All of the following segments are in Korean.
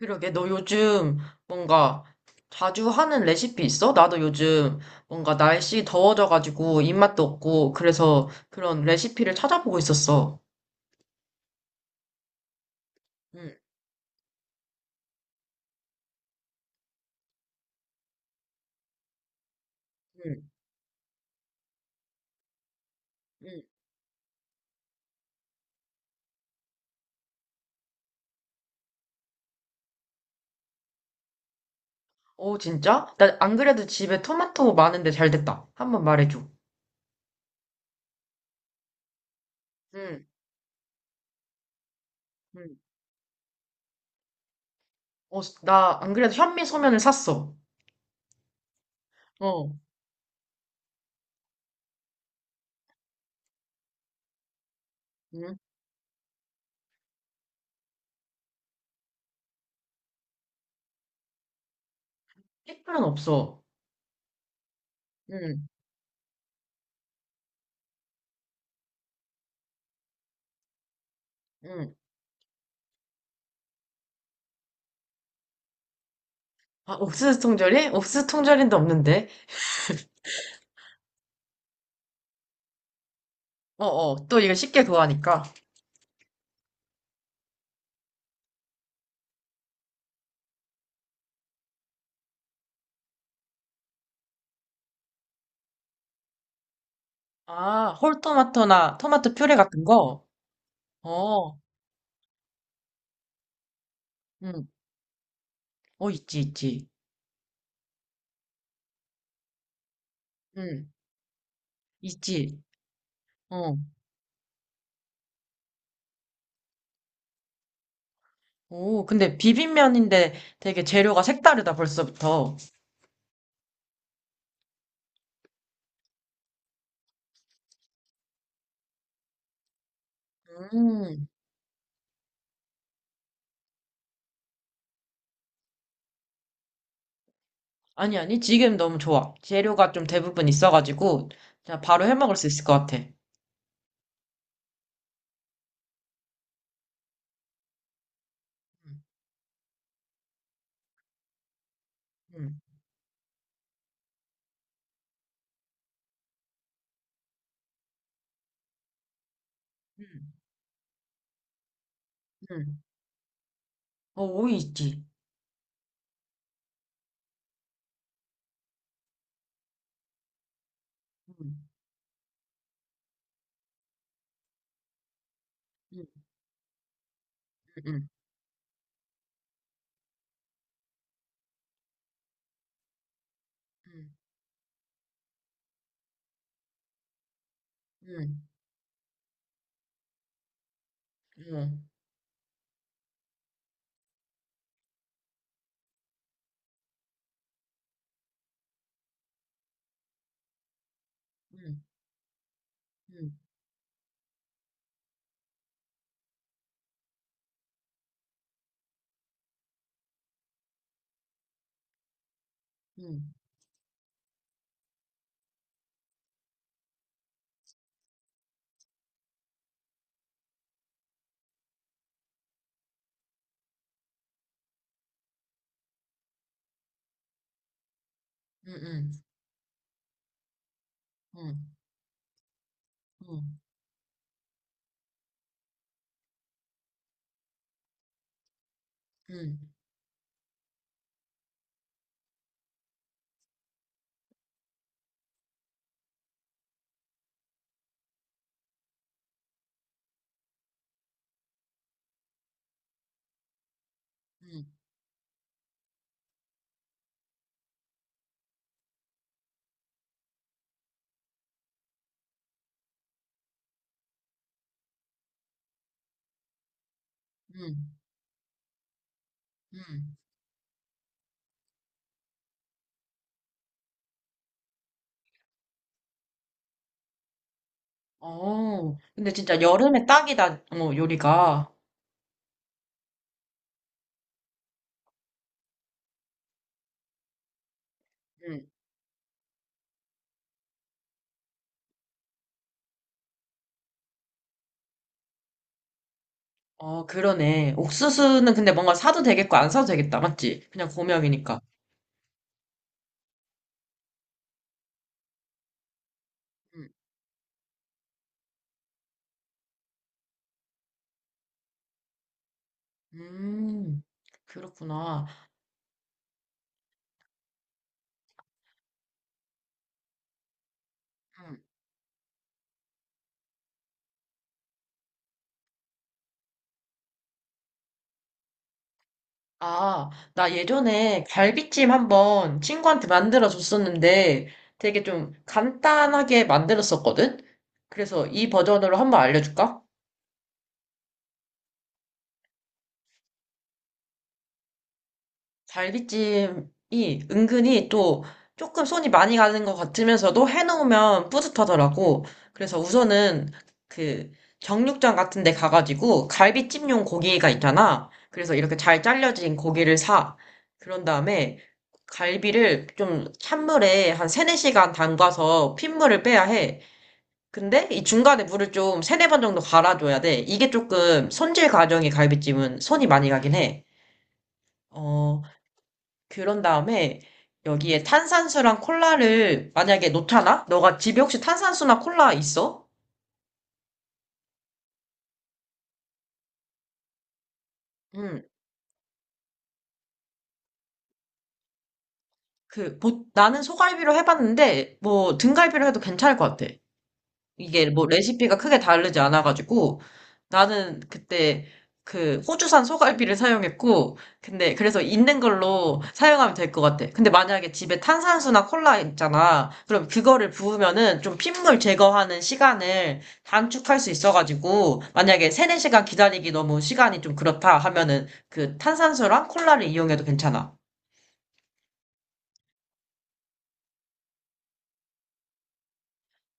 그러게, 너 요즘 뭔가 자주 하는 레시피 있어? 나도 요즘 뭔가 날씨 더워져가지고 입맛도 없고, 그래서 그런 레시피를 찾아보고 있었어. 응, 응, 응. 오, 진짜? 나 안 그래도 집에 토마토 많은데 잘 됐다. 한번 말해줘. 응, 응. 어, 나 안 그래도 현미 소면을 샀어. 어, 응. 피클은 없어. 응, 응. 아, 옥수수 통조림? 옥수수 통조림도 없는데. 어어, 또 이거 쉽게 구하니까. 아, 홀토마토나 토마토 퓨레 같은 거? 어, 응. 어, 있지, 있지. 응, 있지. 어. 오, 근데 비빔면인데 되게 재료가 색다르다, 벌써부터. 음, 아니, 아니, 지금 너무 좋아. 재료가 좀 대부분 있어가지고, 자, 바로 해 먹을 수 있을 것 같아. 음, 음, 음, 음. 어, 오이 있지. 음, 음, 음, 음, 음, 음, 음, 음, 음, 음, 음, 음, 음, 음, 음, 음. 음. 음. 어, 근데 진짜 여름에 딱이다, 요리가. 음. 어, 그러네. 옥수수는 근데 뭔가 사도 되겠고 안 사도 되겠다, 맞지? 그냥 고명이니까. 음, 음, 그렇구나. 음. 아, 나 예전에 갈비찜 한번 친구한테 만들어 줬었는데 되게 좀 간단하게 만들었었거든? 그래서 이 버전으로 한번 알려줄까? 갈비찜이 은근히 또 조금 손이 많이 가는 것 같으면서도 해놓으면 뿌듯하더라고. 그래서 우선은 그 정육점 같은 데 가가지고 갈비찜용 고기가 있잖아. 그래서 이렇게 잘 잘려진 고기를 사. 그런 다음에 갈비를 좀 찬물에 한 3, 4시간 담가서 핏물을 빼야 해. 근데 이 중간에 물을 좀 세네 번 정도 갈아줘야 돼. 이게 조금 손질 과정이 갈비찜은 손이 많이 가긴 해. 어, 그런 다음에 여기에 탄산수랑 콜라를 만약에 놓잖아? 너가 집에 혹시 탄산수나 콜라 있어? 응. 나는 소갈비로 해봤는데, 뭐, 등갈비로 해도 괜찮을 것 같아. 이게 뭐 레시피가 크게 다르지 않아가지고 나는 그때 그 호주산 소갈비를 사용했고 근데 그래서 있는 걸로 사용하면 될 것 같아. 근데 만약에 집에 탄산수나 콜라 있잖아. 그럼 그거를 부으면은 좀 핏물 제거하는 시간을 단축할 수 있어가지고 만약에 세네 시간 기다리기 너무 시간이 좀 그렇다 하면은 그 탄산수랑 콜라를 이용해도 괜찮아.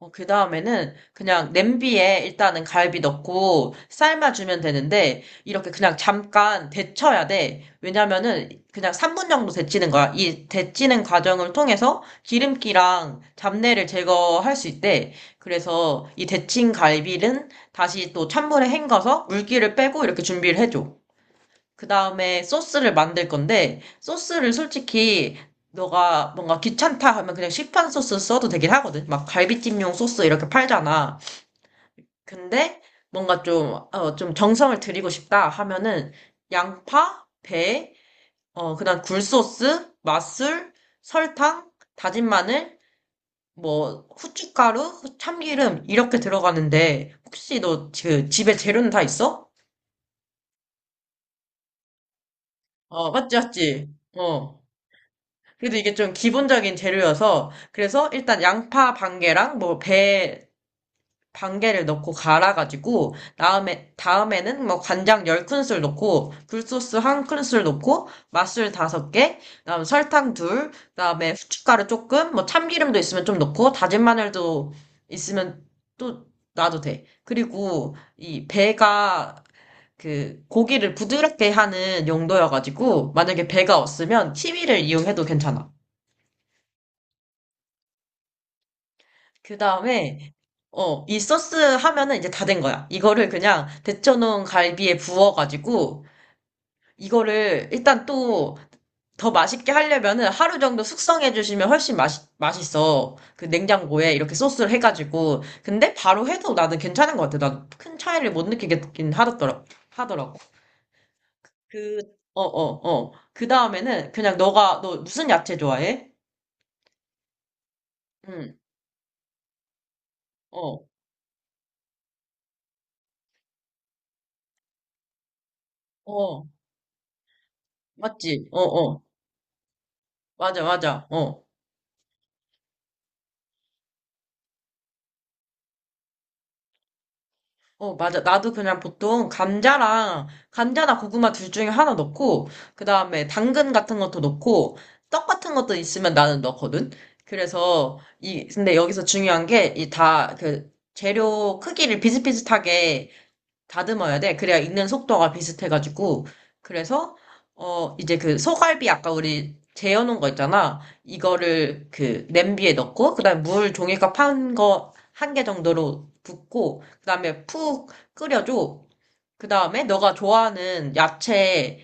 어, 그 다음에는 그냥 냄비에 일단은 갈비 넣고 삶아주면 되는데, 이렇게 그냥 잠깐 데쳐야 돼. 왜냐면은 그냥 3분 정도 데치는 거야. 이 데치는 과정을 통해서 기름기랑 잡내를 제거할 수 있대. 그래서 이 데친 갈비는 다시 또 찬물에 헹궈서 물기를 빼고 이렇게 준비를 해줘. 그다음에 소스를 만들 건데 소스를 솔직히 너가 뭔가 귀찮다 하면 그냥 시판 소스 써도 되긴 하거든. 막 갈비찜용 소스 이렇게 팔잖아. 근데 뭔가 좀, 좀 정성을 들이고 싶다 하면은 양파, 배, 그다음 굴소스, 맛술, 설탕, 다진 마늘, 뭐 후춧가루, 참기름 이렇게 들어가는데 혹시 너 그 집에 재료는 다 있어? 어, 맞지, 맞지. 어. 그래도 이게 좀 기본적인 재료여서, 그래서 일단 양파 반 개랑 뭐 배 반 개를 넣고 갈아가지고, 다음에는 뭐 간장 10큰술 넣고, 굴소스 1큰술 넣고, 맛술 5개, 그다음 설탕 둘, 그다음에 후춧가루 조금, 뭐 참기름도 있으면 좀 넣고, 다진 마늘도 있으면 또 놔도 돼. 그리고 이 배가 그 고기를 부드럽게 하는 용도여가지고, 만약에 배가 없으면 치위를 이용해도 괜찮아. 그 다음에, 이 소스 하면은 이제 다 된 거야. 이거를 그냥 데쳐놓은 갈비에 부어가지고, 이거를 일단 또 더 맛있게 하려면은 하루 정도 숙성해주시면 훨씬 맛있어. 그 냉장고에 이렇게 소스를 해가지고. 근데 바로 해도 나는 괜찮은 것 같아. 난 큰 차이를 못 느끼긴 하더라고. 그, 그 다음에는 그냥 너 무슨 야채 좋아해? 응, 어, 어. 맞지? 어, 어. 맞아, 맞아. 어. 어, 맞아. 나도 그냥 보통 감자나 고구마 둘 중에 하나 넣고, 그 다음에 당근 같은 것도 넣고, 떡 같은 것도 있으면 나는 넣거든? 그래서, 근데 여기서 중요한 게, 이 재료 크기를 비슷비슷하게 다듬어야 돼. 그래야 익는 속도가 비슷해가지고. 그래서, 이제 그 소갈비 아까 우리 재워놓은 거 있잖아. 이거를 그 냄비에 넣고, 그 다음에 물 종이컵 한 개 정도로 붓고, 그 다음에 푹 끓여줘. 그 다음에 너가 좋아하는 야채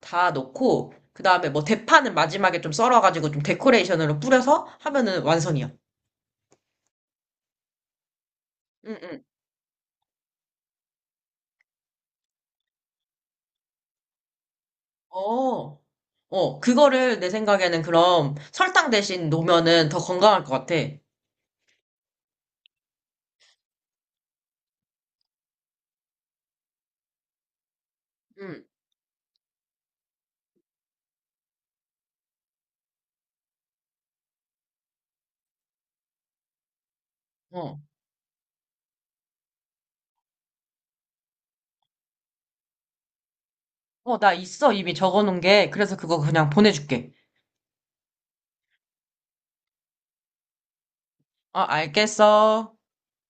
다 넣고, 그 다음에 뭐 대파는 마지막에 좀 썰어가지고 좀 데코레이션으로 뿌려서 하면은 완성이야. 응, 응. 어. 어, 그거를 내 생각에는 그럼 설탕 대신 놓으면은 더 건강할 것 같아. 응. 어, 어, 나 있어. 이미 적어놓은 게. 그래서 그거 그냥 보내줄게. 어, 알겠어.